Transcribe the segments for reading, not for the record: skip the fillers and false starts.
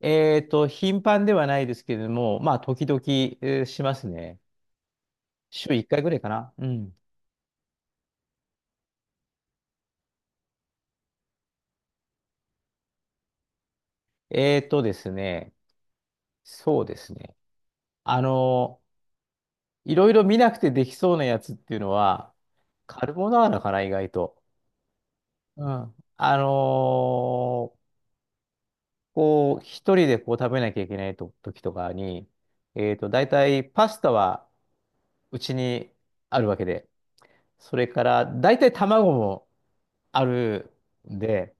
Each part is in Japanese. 頻繁ではないですけれども、まあ、時々、しますね。週1回ぐらいかな。うん。えっとですね、そうですね。あの、いろいろ見なくてできそうなやつっていうのは、カルボナーラかな、意外と。うん。こう、一人でこう食べなきゃいけないと時とかに、大体パスタはうちにあるわけで、それから、大体卵もあるんで、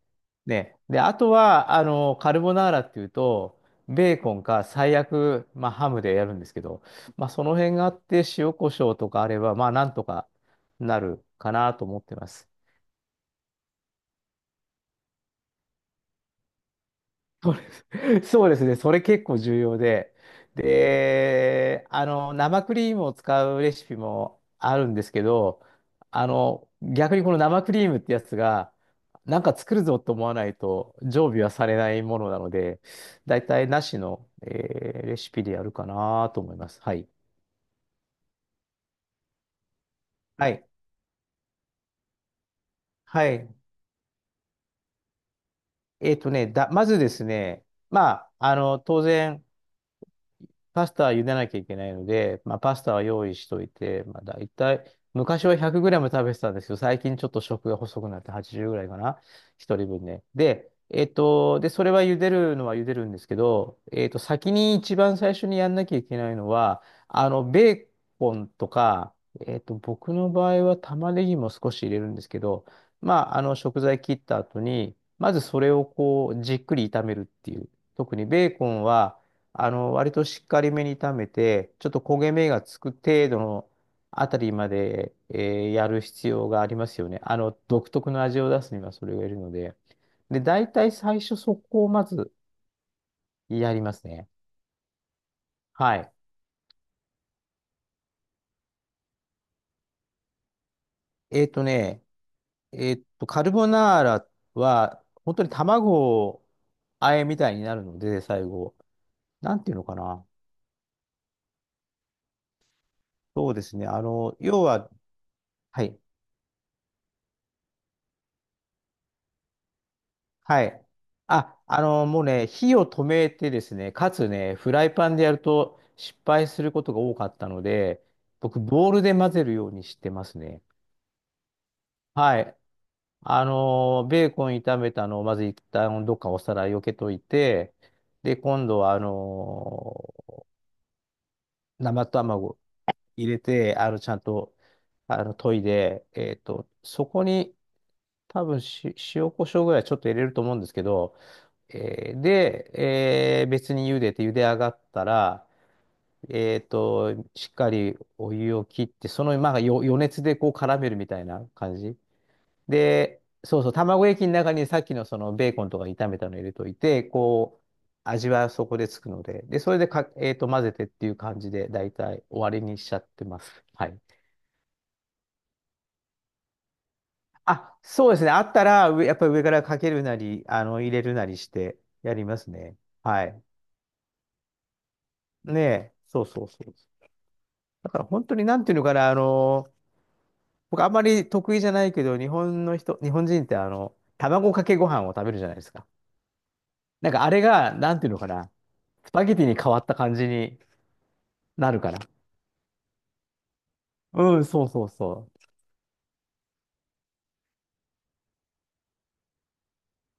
ね。で、あとは、カルボナーラっていうと、ベーコンか最悪、まあ、ハムでやるんですけど、まあ、その辺があって、塩コショウとかあれば、まあ、なんとかなるかなと思ってます。そ そうですね。それ結構重要で。で、生クリームを使うレシピもあるんですけど、逆にこの生クリームってやつが、なんか作るぞと思わないと常備はされないものなので、だいたいなしの、レシピでやるかなと思います。はい。はい。はい。まずですね、まあ、当然、パスタは茹でなきゃいけないので、まあ、パスタは用意しといて、まあ、大体、昔は 100g 食べてたんですけど、最近ちょっと食が細くなって80ぐらいかな。一人分ね。で、で、それは茹でるのは茹でるんですけど、先に一番最初にやんなきゃいけないのは、ベーコンとか、僕の場合は玉ねぎも少し入れるんですけど、まあ、食材切った後に、まずそれをこう、じっくり炒めるっていう。特にベーコンは、割としっかりめに炒めて、ちょっと焦げ目がつく程度のあたりまで、やる必要がありますよね。独特の味を出すにはそれがいるので。で、大体最初そこをまずやりますね。はい。えっとね、えっと、カルボナーラは、本当に卵をあえみたいになるので、最後。なんていうのかな。そうですね。要は、はい。はい。あ、もうね、火を止めてですね、かつね、フライパンでやると失敗することが多かったので、僕、ボウルで混ぜるようにしてますね。はい。ベーコン炒めたのをまず一旦どっかお皿避けといて、で、今度は、生卵入れて、ちゃんと、研いで、そこに多分塩コショウぐらいちょっと入れると思うんですけど、で、別に茹でて茹で上がったら、しっかりお湯を切って、その、まあ、余熱でこう絡めるみたいな感じ。で、そうそう、卵液の中にさっきのそのベーコンとか炒めたの入れといて、こう、味はそこでつくので、で、それでか、混ぜてっていう感じで、だいたい終わりにしちゃってます。はい。あ、そうですね。あったら、やっぱり上からかけるなり、入れるなりしてやりますね。はい。ねえ、そうそうそう。だから本当になんていうのかな、僕あんまり得意じゃないけど、日本人って卵かけご飯を食べるじゃないですか。なんかあれが、なんていうのかな、スパゲティに変わった感じになるから。うん、そうそうそう。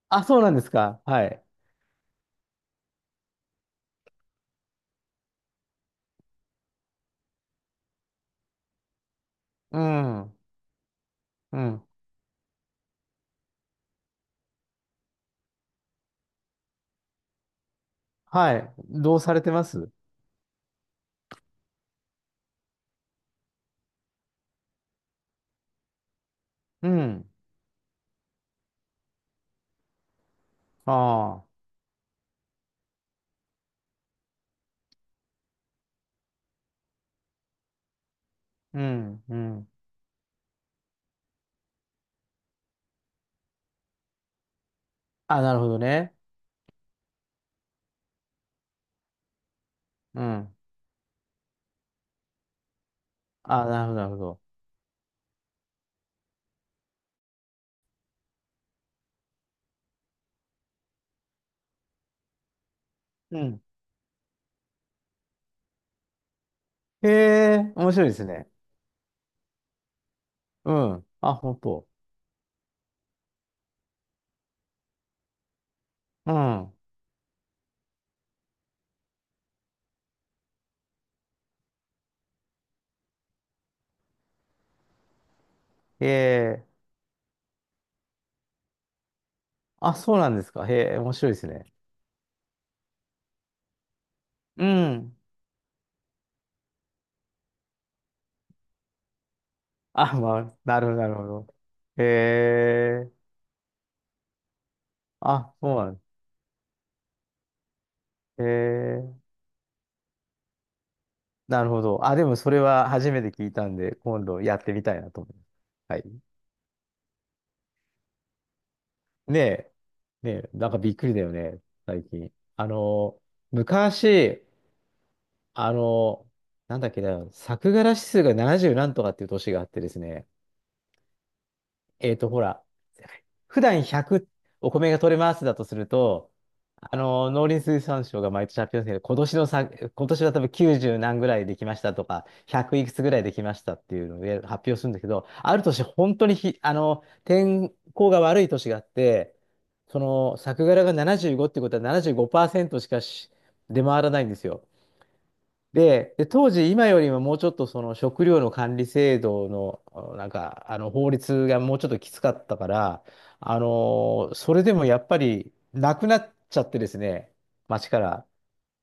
あ、そうなんですか。はい。うん、うん。はい。どうされてます？うん。ああ。うん、うん。あ、なるほどね。うん。あ、なるほど、なるほど。うん。へえ、面白いですね。うん。あ、本当。うん。へえ。あ、そうなんですか。へえ、面白いですね。うん。あ、まあ、なるほど、なるほど。へえ、あ、そうなんです。へえ、なるほど。あ、でもそれは初めて聞いたんで、今度やってみたいなと思います。はい。ねえ、ねえ、なんかびっくりだよね、最近。昔、あの、なんだっけな、作柄指数が70何とかっていう年があってですね、ほら、普段100お米が取れますだとすると、農林水産省が毎年発表するけど、今年は多分90何ぐらいできましたとか、100いくつぐらいできましたっていうのを発表するんだけど、ある年、本当に天候が悪い年があって、その、作柄が75ってことは75%しかし出回らないんですよ。で、当時、今よりももうちょっとその食料の管理制度の、あの法律がもうちょっときつかったから、それでもやっぱりなくなっちゃってですね、町から。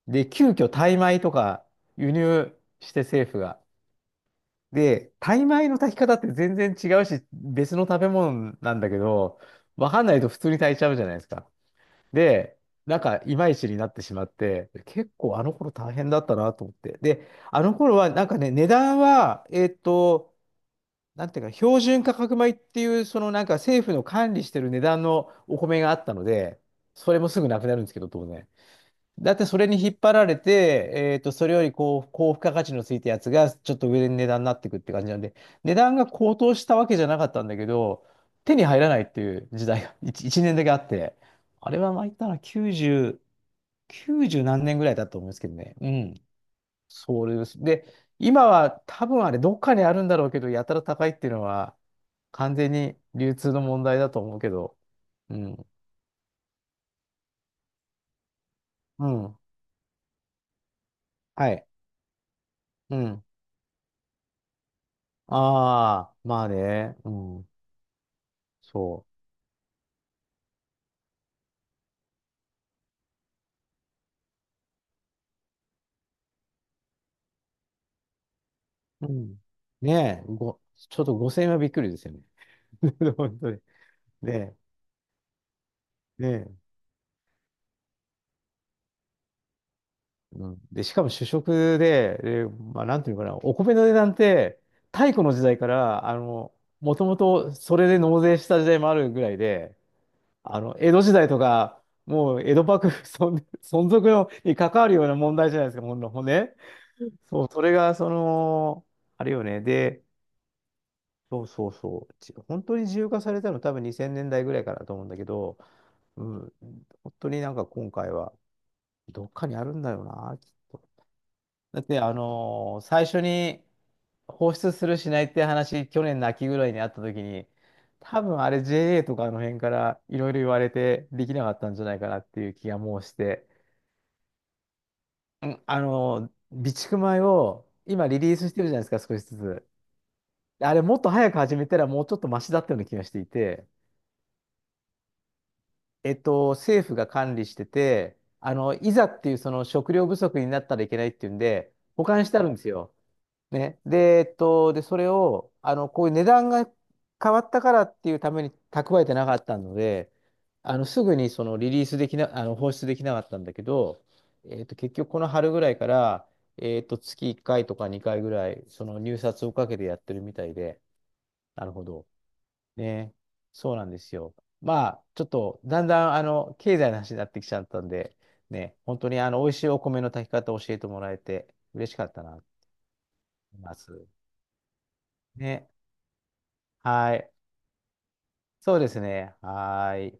で、急遽タイ米とか輸入して政府が。で、タイ米の炊き方って全然違うし、別の食べ物なんだけど、わかんないと普通に炊いちゃうじゃないですか。で、なんか、いまいちになってしまって、結構あの頃大変だったなと思って。で、あの頃は、なんかね、値段は、なんていうか、標準価格米っていう、そのなんか政府の管理してる値段のお米があったので、それもすぐなくなるんですけど、当然。だってそれに引っ張られて、それよりこう、高付加価値のついたやつが、ちょっと上で値段になってくって感じなんで、値段が高騰したわけじゃなかったんだけど、手に入らないっていう時代が 1、一年だけあって、あれはまあ言ったら90、9十何年ぐらいだと思うんですけどね。うん。そうです。で、今は多分あれ、どっかにあるんだろうけど、やたら高いっていうのは、完全に流通の問題だと思うけど。うん。うん。はい。うん。ああ、まあね。うん。そう。うん。ねえ、ちょっと5000円はびっくりですよね。本当に。で、ねえ、うん。で、しかも主食で、まあ、なんていうのかな、お米の値段って、太古の時代から、もともとそれで納税した時代もあるぐらいで、江戸時代とか、もう江戸幕府 存続のに関わるような問題じゃないですか、ほんね。そう、それが、その、あれよね。で、そうそうそう。本当に自由化されたの多分2000年代ぐらいからだと思うんだけど、うん、本当になんか今回はどっかにあるんだよな、きっと。だって、最初に放出するしないって話、去年の秋ぐらいにあった時に、多分あれ JA とかあの辺からいろいろ言われてできなかったんじゃないかなっていう気がもうして、うん、備蓄米を今リリースしてるじゃないですか、少しずつ。あれもっと早く始めたらもうちょっとマシだったような気がしていて、政府が管理してて、いざっていうその食料不足になったらいけないっていうんで、保管してあるんですよ。ね。で、で、それを、こういう値段が変わったからっていうために蓄えてなかったので、すぐにそのリリースできな、あの、放出できなかったんだけど、結局この春ぐらいから、月1回とか2回ぐらい、その入札をかけてやってるみたいで、なるほど。ね。そうなんですよ。まあ、ちょっと、だんだん、経済の話になってきちゃったんで、ね、本当に、美味しいお米の炊き方を教えてもらえて、嬉しかったな、と思います。ね。はい。そうですね。はい。